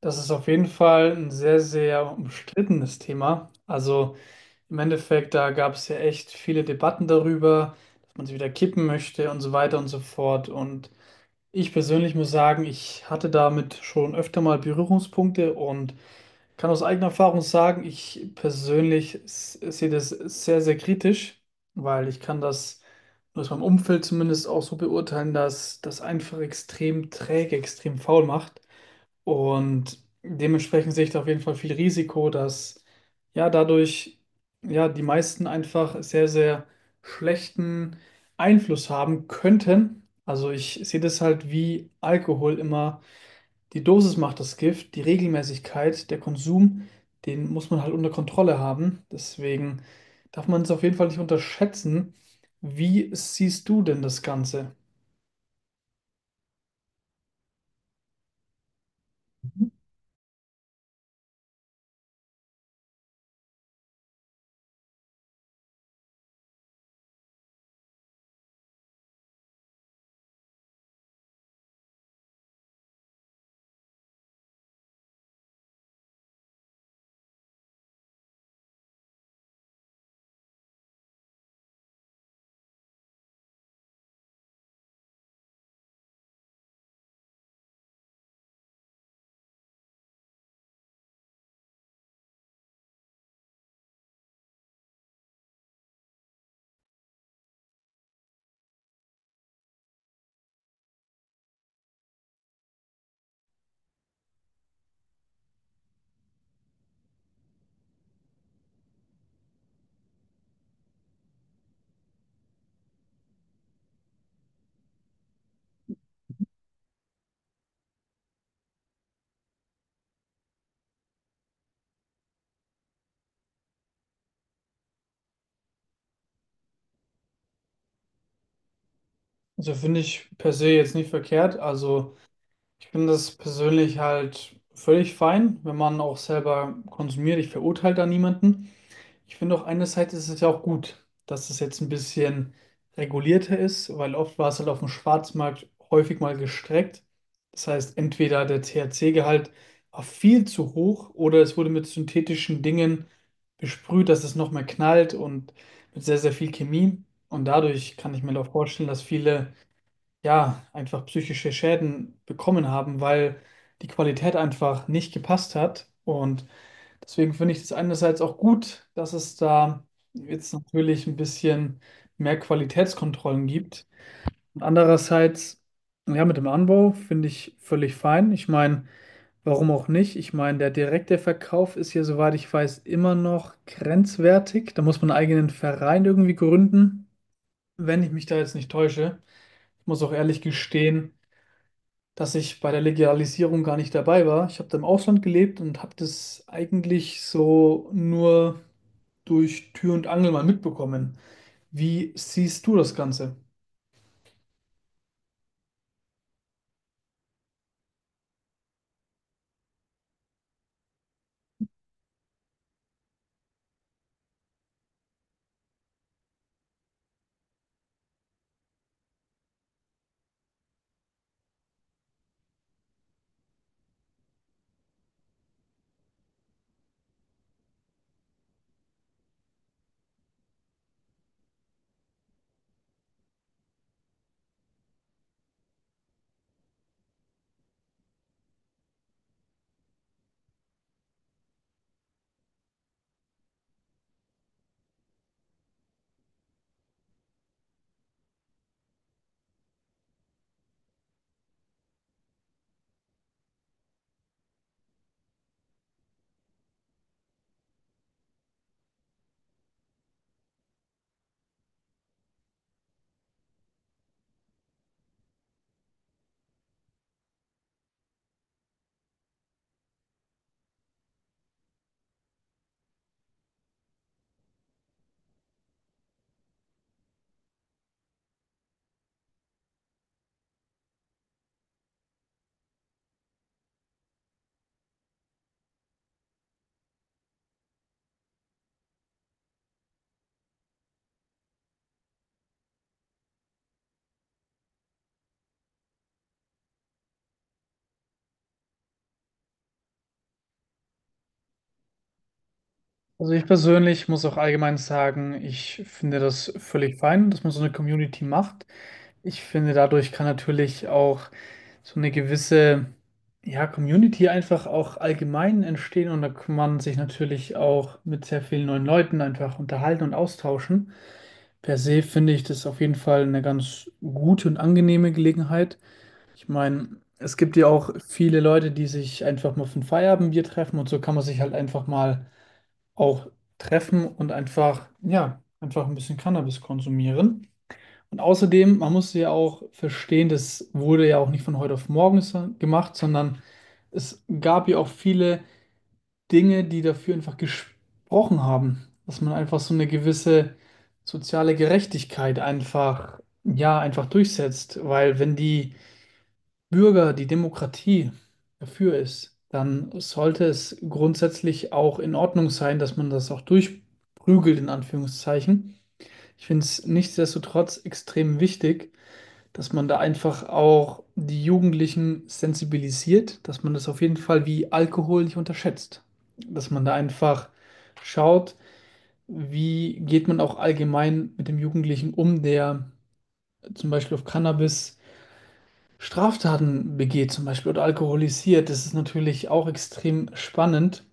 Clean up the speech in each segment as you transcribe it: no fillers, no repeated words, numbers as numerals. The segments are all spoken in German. Das ist auf jeden Fall ein sehr, sehr umstrittenes Thema. Also im Endeffekt, da gab es ja echt viele Debatten darüber, dass man es wieder kippen möchte und so weiter und so fort. Und ich persönlich muss sagen, ich hatte damit schon öfter mal Berührungspunkte und kann aus eigener Erfahrung sagen, ich persönlich sehe das sehr, sehr kritisch, weil ich kann das aus meinem Umfeld zumindest auch so beurteilen, dass das einfach extrem träge, extrem faul macht. Und dementsprechend sehe ich da auf jeden Fall viel Risiko, dass ja dadurch ja die meisten einfach sehr, sehr schlechten Einfluss haben könnten. Also ich sehe das halt wie Alkohol immer. Die Dosis macht das Gift, die Regelmäßigkeit, der Konsum, den muss man halt unter Kontrolle haben. Deswegen darf man es auf jeden Fall nicht unterschätzen. Wie siehst du denn das Ganze? Also finde ich per se jetzt nicht verkehrt. Also ich finde das persönlich halt völlig fein, wenn man auch selber konsumiert. Ich verurteile da niemanden. Ich finde auch, einerseits ist es ja auch gut, dass es jetzt ein bisschen regulierter ist, weil oft war es halt auf dem Schwarzmarkt häufig mal gestreckt. Das heißt, entweder der THC-Gehalt war viel zu hoch oder es wurde mit synthetischen Dingen besprüht, dass es noch mehr knallt, und mit sehr, sehr viel Chemie. Und dadurch kann ich mir auch vorstellen, dass viele ja einfach psychische Schäden bekommen haben, weil die Qualität einfach nicht gepasst hat. Und deswegen finde ich es einerseits auch gut, dass es da jetzt natürlich ein bisschen mehr Qualitätskontrollen gibt. Und andererseits, ja, mit dem Anbau finde ich völlig fein. Ich meine, warum auch nicht? Ich meine, der direkte Verkauf ist ja, soweit ich weiß, immer noch grenzwertig. Da muss man einen eigenen Verein irgendwie gründen, wenn ich mich da jetzt nicht täusche. Ich muss auch ehrlich gestehen, dass ich bei der Legalisierung gar nicht dabei war. Ich habe da im Ausland gelebt und habe das eigentlich so nur durch Tür und Angel mal mitbekommen. Wie siehst du das Ganze? Also ich persönlich muss auch allgemein sagen, ich finde das völlig fein, dass man so eine Community macht. Ich finde, dadurch kann natürlich auch so eine gewisse, ja, Community einfach auch allgemein entstehen, und da kann man sich natürlich auch mit sehr vielen neuen Leuten einfach unterhalten und austauschen. Per se finde ich das auf jeden Fall eine ganz gute und angenehme Gelegenheit. Ich meine, es gibt ja auch viele Leute, die sich einfach mal für ein Feierabendbier treffen, und so kann man sich halt einfach mal auch treffen und einfach, ja, einfach ein bisschen Cannabis konsumieren. Und außerdem, man muss ja auch verstehen, das wurde ja auch nicht von heute auf morgen gemacht, sondern es gab ja auch viele Dinge, die dafür einfach gesprochen haben, dass man einfach so eine gewisse soziale Gerechtigkeit einfach, ja, einfach durchsetzt. Weil wenn die Bürger, die Demokratie dafür ist, dann sollte es grundsätzlich auch in Ordnung sein, dass man das auch durchprügelt, in Anführungszeichen. Ich finde es nichtsdestotrotz extrem wichtig, dass man da einfach auch die Jugendlichen sensibilisiert, dass man das auf jeden Fall wie Alkohol nicht unterschätzt. Dass man da einfach schaut, wie geht man auch allgemein mit dem Jugendlichen um, der zum Beispiel auf Cannabis Straftaten begeht, zum Beispiel, oder alkoholisiert. Das ist natürlich auch extrem spannend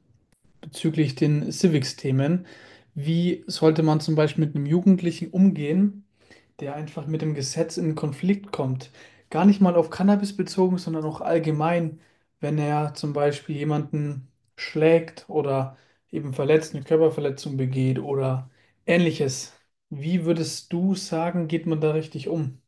bezüglich den Civics-Themen. Wie sollte man zum Beispiel mit einem Jugendlichen umgehen, der einfach mit dem Gesetz in Konflikt kommt? Gar nicht mal auf Cannabis bezogen, sondern auch allgemein, wenn er zum Beispiel jemanden schlägt oder eben verletzt, eine Körperverletzung begeht oder ähnliches. Wie würdest du sagen, geht man da richtig um?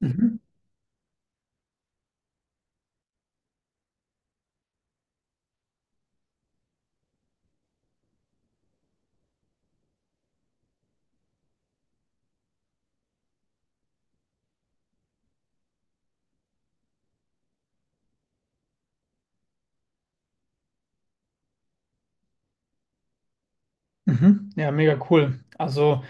Mhm. Mhm. Ja, mega cool. Also.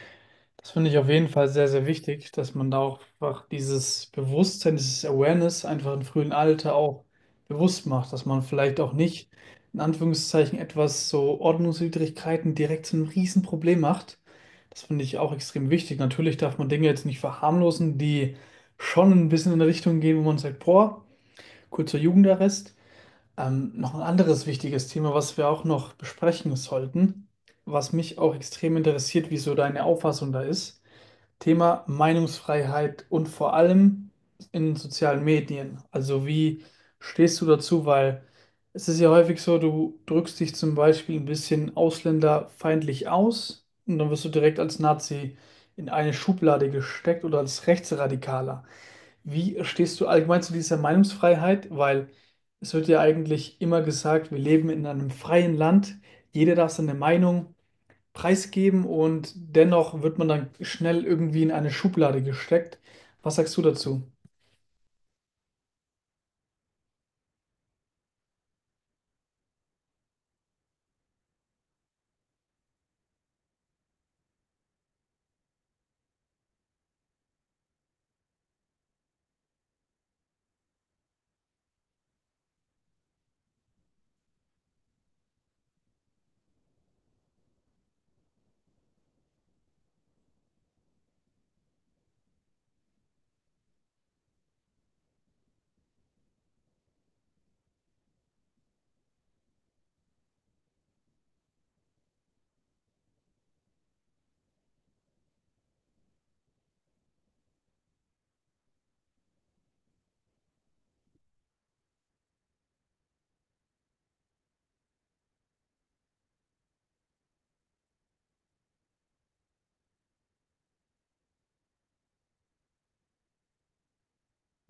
Das finde ich auf jeden Fall sehr, sehr wichtig, dass man da auch einfach dieses Bewusstsein, dieses Awareness einfach im frühen Alter auch bewusst macht, dass man vielleicht auch nicht in Anführungszeichen etwas so Ordnungswidrigkeiten direkt zu einem Riesenproblem macht. Das finde ich auch extrem wichtig. Natürlich darf man Dinge jetzt nicht verharmlosen, die schon ein bisschen in eine Richtung gehen, wo man sagt, boah, kurzer Jugendarrest. Noch ein anderes wichtiges Thema, was wir auch noch besprechen sollten, was mich auch extrem interessiert, wie so deine Auffassung da ist. Thema Meinungsfreiheit, und vor allem in sozialen Medien. Also wie stehst du dazu? Weil es ist ja häufig so, du drückst dich zum Beispiel ein bisschen ausländerfeindlich aus und dann wirst du direkt als Nazi in eine Schublade gesteckt oder als Rechtsradikaler. Wie stehst du allgemein zu dieser Meinungsfreiheit? Weil es wird ja eigentlich immer gesagt, wir leben in einem freien Land, jeder darf seine Meinung preisgeben, und dennoch wird man dann schnell irgendwie in eine Schublade gesteckt. Was sagst du dazu?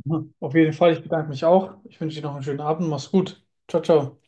Mhm. Auf jeden Fall, ich bedanke mich auch. Ich wünsche dir noch einen schönen Abend. Mach's gut. Ciao, ciao.